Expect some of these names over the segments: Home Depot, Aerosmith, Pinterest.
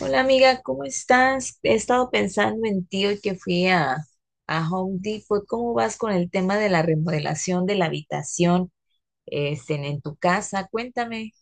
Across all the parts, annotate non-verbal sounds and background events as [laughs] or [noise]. Hola amiga, ¿cómo estás? He estado pensando en ti hoy que fui a Home Depot. ¿Cómo vas con el tema de la remodelación de la habitación en tu casa? Cuéntame.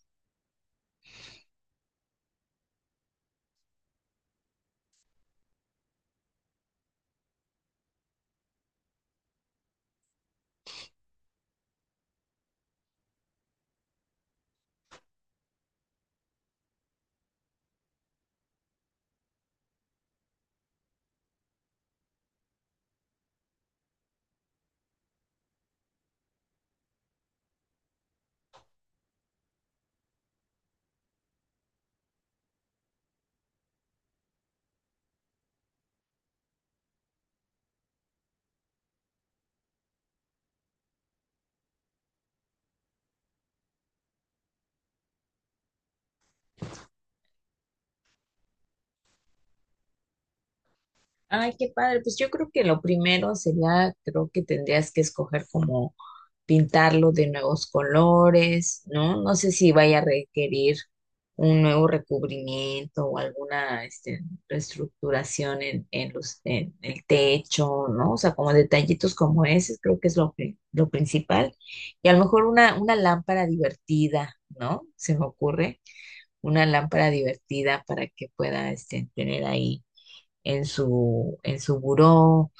Ay, qué padre. Pues yo creo que lo primero sería, creo que tendrías que escoger como pintarlo de nuevos colores, ¿no? No sé si vaya a requerir un nuevo recubrimiento o alguna reestructuración en el techo, ¿no? O sea, como detallitos como ese, creo que es lo principal. Y a lo mejor una lámpara divertida, ¿no? Se me ocurre una lámpara divertida para que pueda tener ahí en su buró.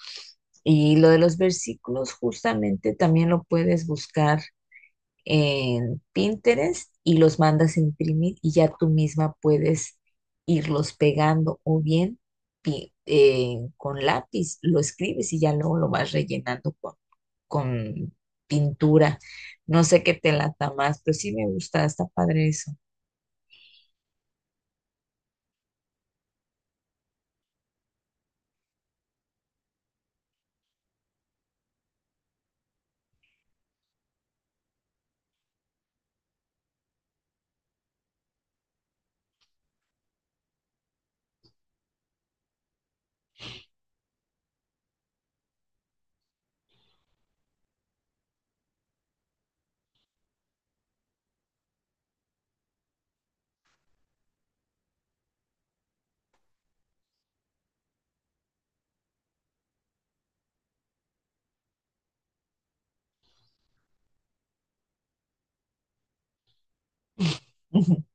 Y lo de los versículos, justamente también lo puedes buscar en Pinterest y los mandas a imprimir y ya tú misma puedes irlos pegando o bien con lápiz lo escribes y ya luego lo vas rellenando con pintura. No sé qué te lata más, pero sí me gusta, está padre eso. [laughs]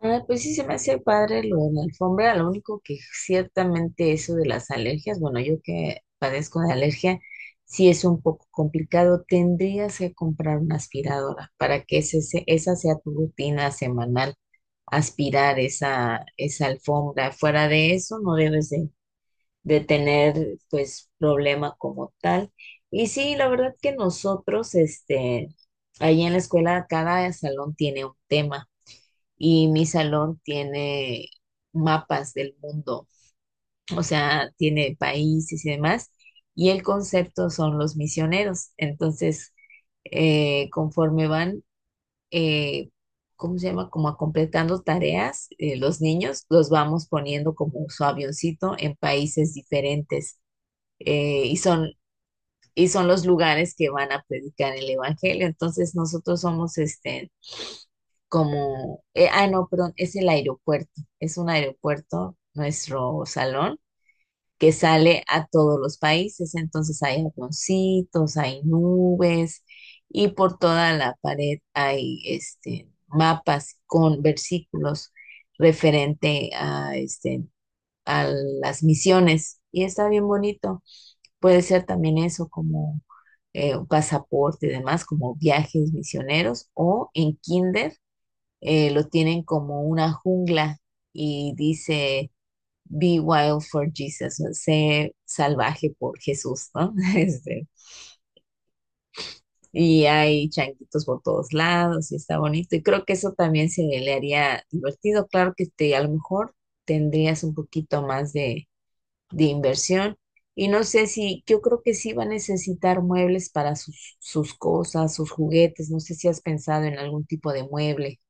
Ah, pues sí se me hace padre lo de la alfombra, lo único que ciertamente eso de las alergias, bueno, yo que padezco de alergia, sí es un poco complicado, tendrías que comprar una aspiradora para que esa sea tu rutina semanal, aspirar esa alfombra. Fuera de eso, no debes de tener pues problema como tal. Y sí, la verdad que nosotros, ahí en la escuela, cada salón tiene un tema y mi salón tiene mapas del mundo, o sea, tiene países y demás, y el concepto son los misioneros. Entonces, conforme van, eh, ¿cómo se llama? Como completando tareas, los niños los vamos poniendo como su avioncito en países diferentes, eh, y son... Y son los lugares que van a predicar el evangelio. Entonces nosotros somos no, perdón, es el aeropuerto, es un aeropuerto, nuestro salón, que sale a todos los países, entonces hay avioncitos, hay nubes y por toda la pared hay mapas con versículos referente a las misiones y está bien bonito. Puede ser también eso como... un pasaporte y demás, como viajes misioneros o en kinder lo tienen como una jungla y dice, Be wild for Jesus, sé salvaje por Jesús, ¿no? [laughs] Y hay changuitos por todos lados y está bonito. Y creo que eso también se le haría divertido. Claro que te, a lo mejor tendrías un poquito más de inversión. Y no sé si, yo creo que sí va a necesitar muebles para sus cosas, sus juguetes. No sé si has pensado en algún tipo de mueble.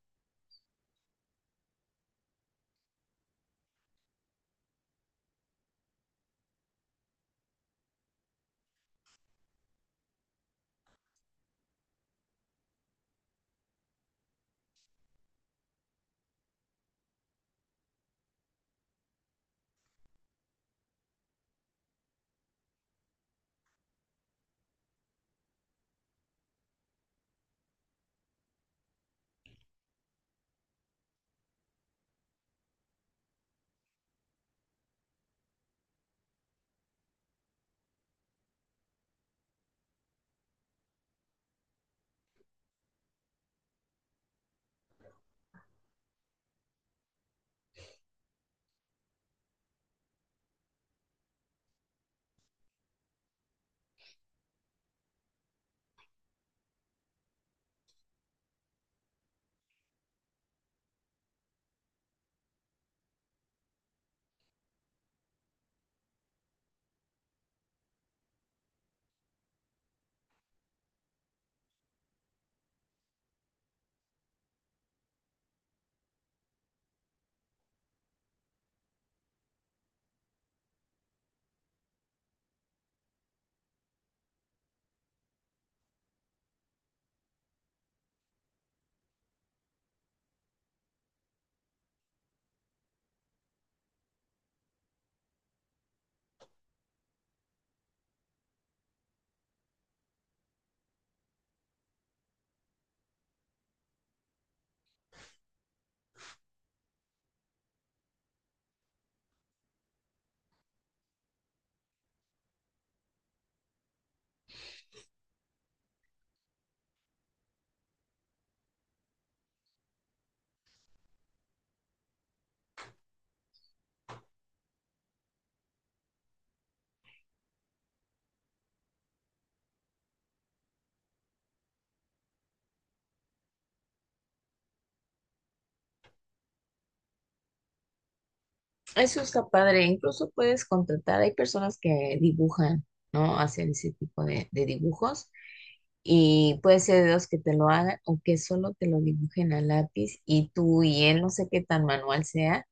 Eso está padre. Incluso puedes contratar, hay personas que dibujan, ¿no? Hacen ese tipo de dibujos y puede ser de los que te lo hagan o que solo te lo dibujen a lápiz y tú y él, no sé qué tan manual sea,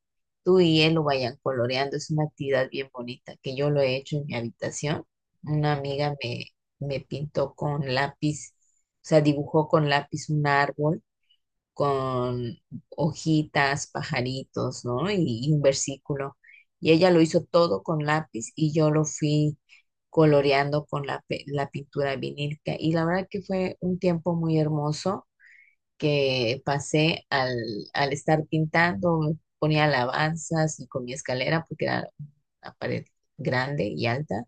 tú y él lo vayan coloreando. Es una actividad bien bonita que yo lo he hecho en mi habitación. Una amiga me, me pintó con lápiz, o sea, dibujó con lápiz un árbol con hojitas, pajaritos, ¿no? Y un versículo. Y ella lo hizo todo con lápiz y yo lo fui coloreando con la pintura vinílica. Y la verdad que fue un tiempo muy hermoso que pasé al estar pintando, ponía alabanzas y con mi escalera, porque era una pared grande y alta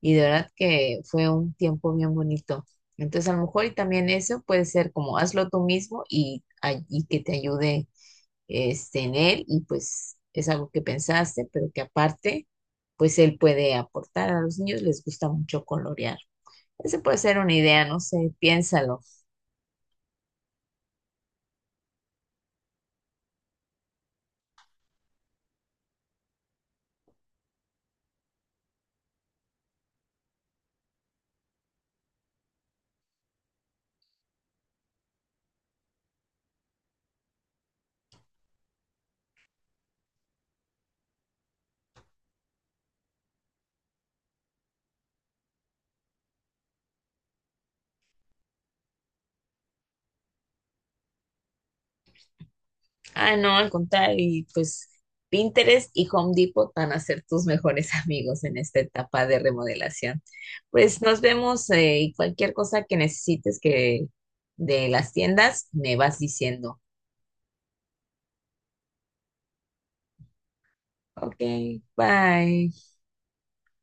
y de verdad que fue un tiempo bien bonito. Entonces, a lo mejor y también eso puede ser como hazlo tú mismo y que te ayude en él y pues es algo que pensaste, pero que aparte, pues él puede aportar. A los niños les gusta mucho colorear. Esa puede ser una idea, no sé, piénsalo. Ah, no, al contrario, y pues Pinterest y Home Depot van a ser tus mejores [laughs] amigos en esta etapa de remodelación. Pues nos vemos y cualquier cosa que necesites que de las tiendas me vas diciendo. Ok, bye.